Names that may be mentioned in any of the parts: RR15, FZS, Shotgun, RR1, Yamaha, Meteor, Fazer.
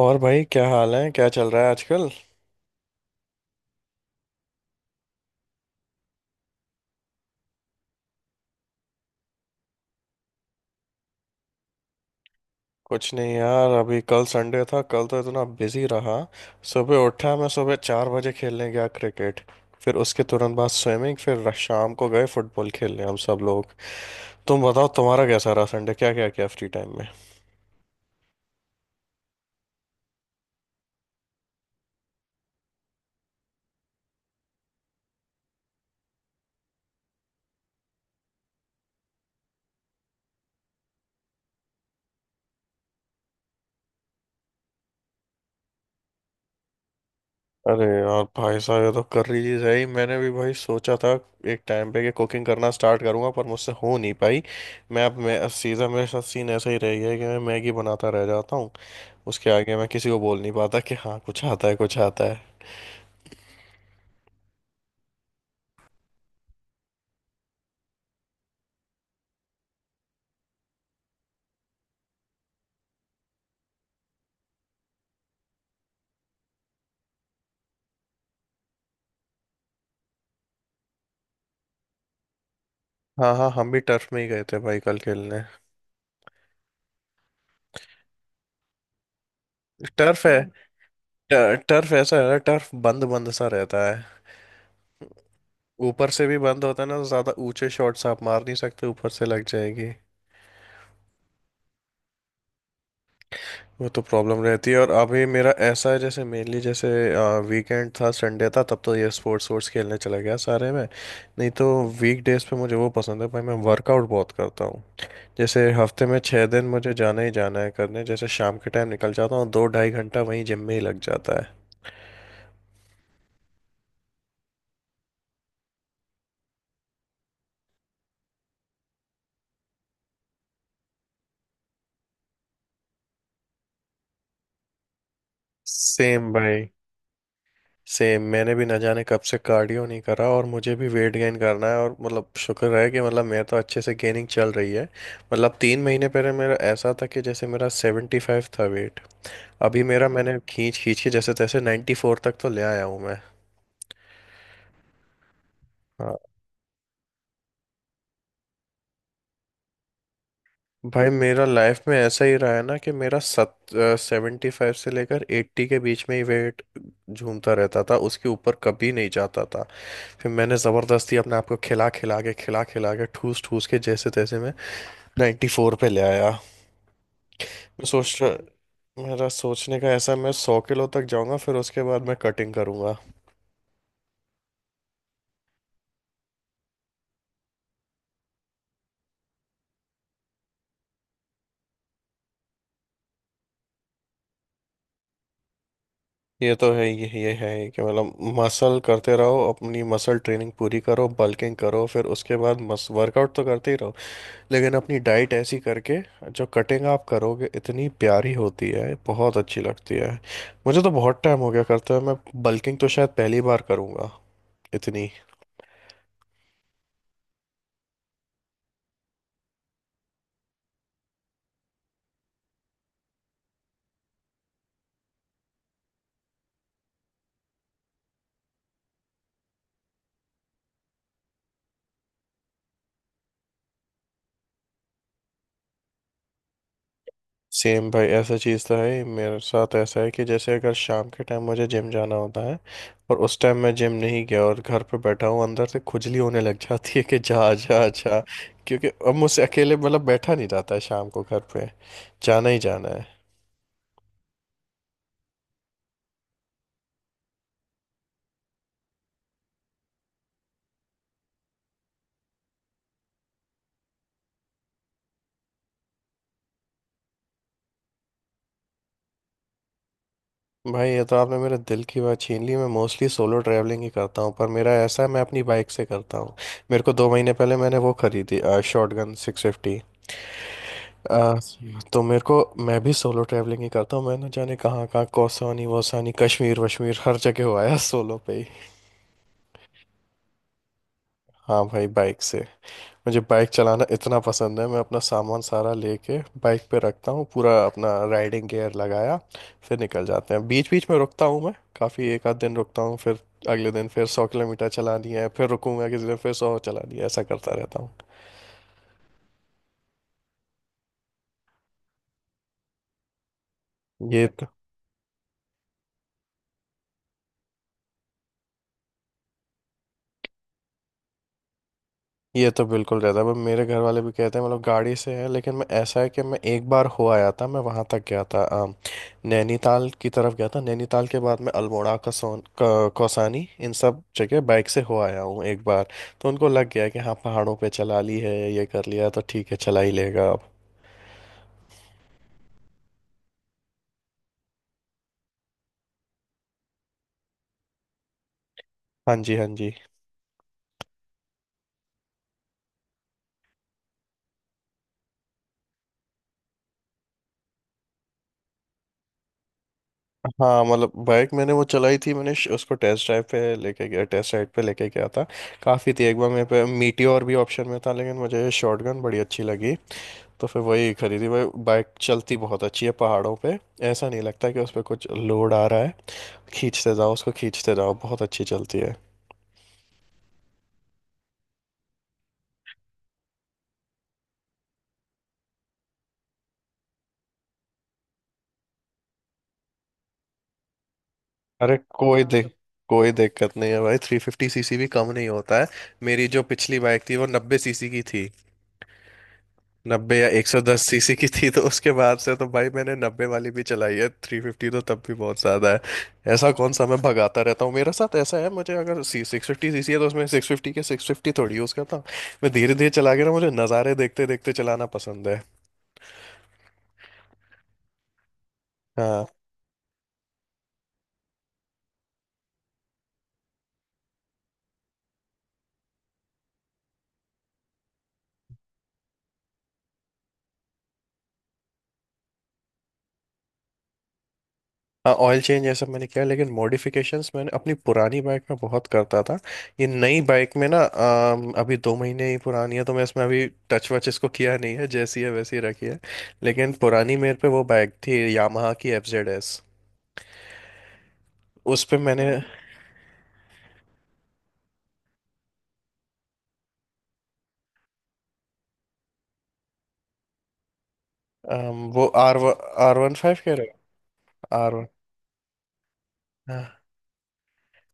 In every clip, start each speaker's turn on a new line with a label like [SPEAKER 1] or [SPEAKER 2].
[SPEAKER 1] और भाई क्या हाल है। क्या चल रहा है आजकल? कुछ नहीं यार। अभी कल संडे था, कल तो इतना बिजी रहा। सुबह उठा, मैं सुबह 4 बजे खेलने गया क्रिकेट। फिर उसके तुरंत बाद स्विमिंग, फिर शाम को गए फुटबॉल खेलने हम सब लोग। तुम बताओ, तुम्हारा कैसा रहा संडे? क्या क्या किया फ्री टाइम? अरे यार भाई साहब, ये तो कर रही चीज है ही। मैंने भी भाई सोचा था एक टाइम पे कि कुकिंग करना स्टार्ट करूंगा, पर मुझसे हो नहीं पाई। मैं अब मैं सीधा, मेरे साथ सीन ऐसा ही रह गया है कि मैं मैगी बनाता रह जाता हूँ। उसके आगे मैं किसी को बोल नहीं पाता कि हाँ कुछ आता है कुछ आता है। हाँ हाँ, हम भी टर्फ में ही गए थे भाई कल खेलने। टर्फ है, टर्फ ऐसा है ना, टर्फ बंद बंद सा रहता है। ऊपर से भी बंद होता है ना, तो ज्यादा ऊंचे शॉट्स आप मार नहीं सकते, ऊपर से लग जाएगी। वो तो प्रॉब्लम रहती है। और अभी मेरा ऐसा है जैसे मेनली जैसे वीकेंड था, संडे था, तब तो ये स्पोर्ट्स स्पोर्ट्स खेलने चला गया सारे में, नहीं तो। वीक डेज पे मुझे वो पसंद है भाई, मैं वर्कआउट बहुत करता हूँ। जैसे हफ्ते में 6 दिन मुझे जाना ही जाना है करने, जैसे शाम के टाइम निकल जाता हूँ, दो ढाई घंटा वहीं जिम में ही लग जाता है। सेम भाई। सेम मैंने भी ना जाने कब से कार्डियो नहीं करा, और मुझे भी वेट गेन करना है, और मतलब शुक्र है कि मतलब मेरा तो अच्छे से गेनिंग चल रही है। मतलब 3 महीने पहले मेरा ऐसा था कि जैसे मेरा 75 था वेट। अभी मेरा, मैंने खींच खींच के जैसे तैसे 94 तक तो ले आया हूँ मैं। हाँ भाई, मेरा लाइफ में ऐसा ही रहा है ना कि मेरा सत 75 से लेकर 80 के बीच में ही वेट झूमता रहता था, उसके ऊपर कभी नहीं जाता था। फिर मैंने ज़बरदस्ती अपने आप को खिला खिला के ठूस ठूस के जैसे तैसे नाइन्टी फोर पे ले आया मैं। सोच रहा, मेरा सोचने का ऐसा है, मैं 100 किलो तक जाऊंगा, फिर उसके बाद मैं कटिंग करूंगा। ये तो है, ये है कि मतलब मसल करते रहो, अपनी मसल ट्रेनिंग पूरी करो, बल्किंग करो, फिर उसके बाद मस वर्कआउट तो करते ही रहो। लेकिन अपनी डाइट ऐसी करके जो कटिंग आप करोगे, इतनी प्यारी होती है, बहुत अच्छी लगती है। मुझे तो बहुत टाइम हो गया करते हुए मैं। बल्किंग तो शायद पहली बार करूंगा इतनी। सेम भाई, ऐसा चीज़ तो है ही। मेरे साथ ऐसा है कि जैसे अगर शाम के टाइम मुझे जिम जाना होता है और उस टाइम मैं जिम नहीं गया और घर पे बैठा हूँ, अंदर से खुजली होने लग जाती है कि जा जा जा। क्योंकि अब मुझसे अकेले मतलब बैठा नहीं जाता है शाम को घर पे, जाना ही जाना है। भाई, ये तो आपने मेरे दिल की बात छीन ली। मैं मोस्टली सोलो ट्रैवलिंग ही करता हूँ, पर मेरा ऐसा है मैं अपनी बाइक से करता हूँ। मेरे को 2 महीने पहले मैंने वो खरीदी, शॉटगन 650। आ, तो मेरे को, मैं भी सोलो ट्रैवलिंग ही करता हूँ। मैं ना जाने कहाँ कहाँ कौसानी वोसानी कश्मीर वश्मीर हर जगह हो आया सोलो पे ही। हाँ भाई बाइक से। मुझे बाइक चलाना इतना पसंद है, मैं अपना सामान सारा लेके बाइक पे रखता हूँ, पूरा अपना राइडिंग गियर लगाया, फिर निकल जाते हैं। बीच बीच में रुकता हूँ मैं काफ़ी, एक आध दिन रुकता हूँ, फिर अगले दिन फिर 100 किलोमीटर चलानी है, फिर रुकूंगा किसी दिन, फिर 100 चलानी है, ऐसा करता रहता हूँ। ये तो ये तो बिल्कुल रहता है, पर मेरे घर वाले भी कहते हैं मतलब गाड़ी से है, लेकिन मैं ऐसा है कि मैं एक बार हो आया था, मैं वहाँ तक गया था, नैनीताल की तरफ गया था। नैनीताल के बाद मैं अल्मोड़ा, कौसानी, इन सब जगह बाइक से हो आया हूँ एक बार। तो उनको लग गया कि हाँ पहाड़ों पे चला ली है, ये कर लिया, तो ठीक है चला ही लेगा अब। हाँ जी, हाँ जी। हाँ मतलब बाइक मैंने वो चलाई थी, मैंने उसको टेस्ट ड्राइव पे लेके गया, टेस्ट राइड पे लेके गया था। काफ़ी थी। एक बार मेरे पे मीटियोर भी ऑप्शन में था, लेकिन मुझे शॉटगन बड़ी अच्छी लगी। तो फिर वही खरीदी भाई। बाइक चलती बहुत अच्छी है पहाड़ों पे, ऐसा नहीं लगता कि उस पर कुछ लोड आ रहा है। खींचते जाओ उसको, खींचते जाओ, बहुत अच्छी चलती है। अरे कोई हाँ, दिक मतलब, कोई दिक्कत नहीं है भाई। 350 सीसी भी कम नहीं होता है। मेरी जो पिछली बाइक थी वो 90 सीसी की थी, नब्बे या 110 सीसी की थी, तो उसके बाद से तो भाई, मैंने 90 वाली भी चलाई है, 350 तो तब भी बहुत ज्यादा है। ऐसा कौन सा मैं भगाता रहता हूँ। मेरे साथ ऐसा है, मुझे अगर सी 650 सीसी है तो उसमें 650 के 650 थोड़ी यूज करता हूँ। मैं धीरे धीरे चला के ना, मुझे नज़ारे देखते देखते चलाना पसंद है। हाँ। हाँ ऑयल चेंज ये सब मैंने किया, लेकिन मॉडिफिकेशंस मैंने अपनी पुरानी बाइक में बहुत करता था। ये नई बाइक में ना, अभी 2 महीने ही पुरानी है, तो मैं इसमें अभी टच वच इसको किया नहीं है, जैसी है वैसी ही रखी है। लेकिन पुरानी मेरे पे वो बाइक थी यामाहा की FZS। उस पे मैंने वो आर आर वन फाइव कह रहे हो? R1? हाँ,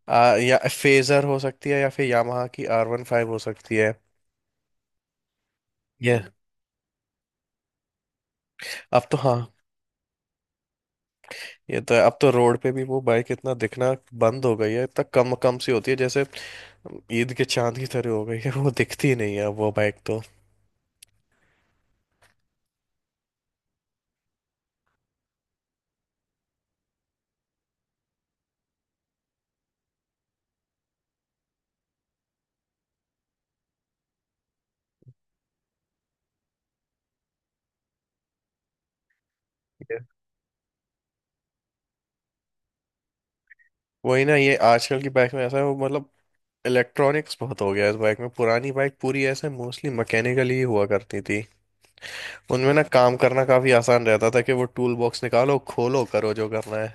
[SPEAKER 1] या फेजर हो सकती है या फिर यामाहा की R15 हो सकती है। ये अब तो हाँ। ये तो है। अब तो रोड पे भी वो बाइक इतना दिखना बंद हो गई है, इतना कम कम सी होती है, जैसे ईद के चांद की तरह हो गई है, वो दिखती ही नहीं है अब वो बाइक तो। Yeah. वही ना, ये आजकल की बाइक में ऐसा है, वो मतलब इलेक्ट्रॉनिक्स बहुत हो गया है इस बाइक में। पुरानी बाइक पूरी ऐसे मोस्टली मैकेनिकली ही हुआ करती थी, उनमें ना काम करना काफी आसान रहता था कि वो टूल बॉक्स निकालो, खोलो, करो जो करना है।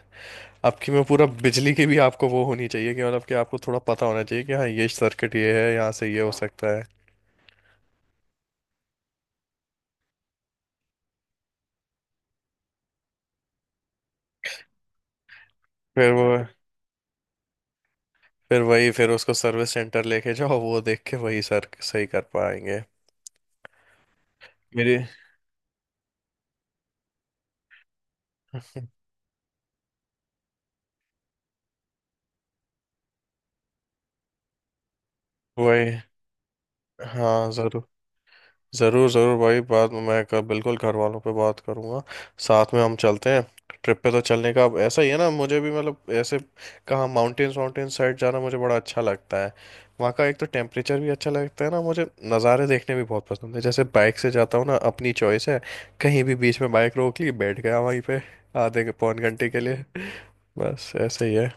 [SPEAKER 1] आपकी में पूरा बिजली की भी आपको वो होनी चाहिए कि मतलब कि आपको थोड़ा पता होना चाहिए कि हाँ ये सर्किट ये है, यहाँ से ये हो सकता है। फिर वो फिर वही, फिर उसको सर्विस सेंटर लेके जाओ, वो देख के वही सर सही कर पाएंगे। मेरी। वही, हाँ, जरूर। ज़रूर ज़रूर भाई, बात मैं कर, बिल्कुल घर वालों पे बात करूँगा, साथ में हम चलते हैं। ट्रिप पे तो चलने का अब ऐसा ही है ना, मुझे भी मतलब ऐसे, कहाँ माउंटेन्स, माउंटेन साइड जाना मुझे बड़ा अच्छा लगता है। वहाँ का एक तो टेम्परेचर भी अच्छा लगता है ना मुझे। नज़ारे देखने भी बहुत पसंद है। जैसे बाइक से जाता हूँ ना, अपनी चॉइस है, कहीं भी बीच में बाइक रोक ली, बैठ गया वहीं पे आधे पौन घंटे के लिए। बस ऐसे ही है।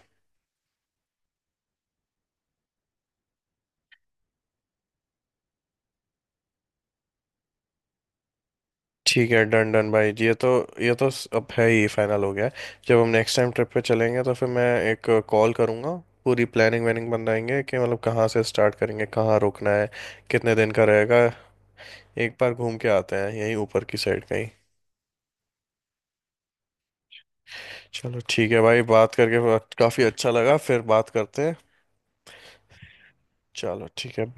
[SPEAKER 1] ठीक है, डन डन भाई जी, ये तो अब है ही फाइनल हो गया है। जब हम नेक्स्ट टाइम ट्रिप पे चलेंगे तो फिर मैं एक कॉल करूँगा, पूरी प्लानिंग वैनिंग बनाएंगे कि मतलब कहाँ से स्टार्ट करेंगे, कहाँ रुकना है, कितने दिन का रहेगा। एक बार घूम के आते हैं यहीं ऊपर की साइड कहीं। चलो ठीक है भाई, बात करके काफ़ी अच्छा लगा, फिर बात करते हैं। चलो ठीक है।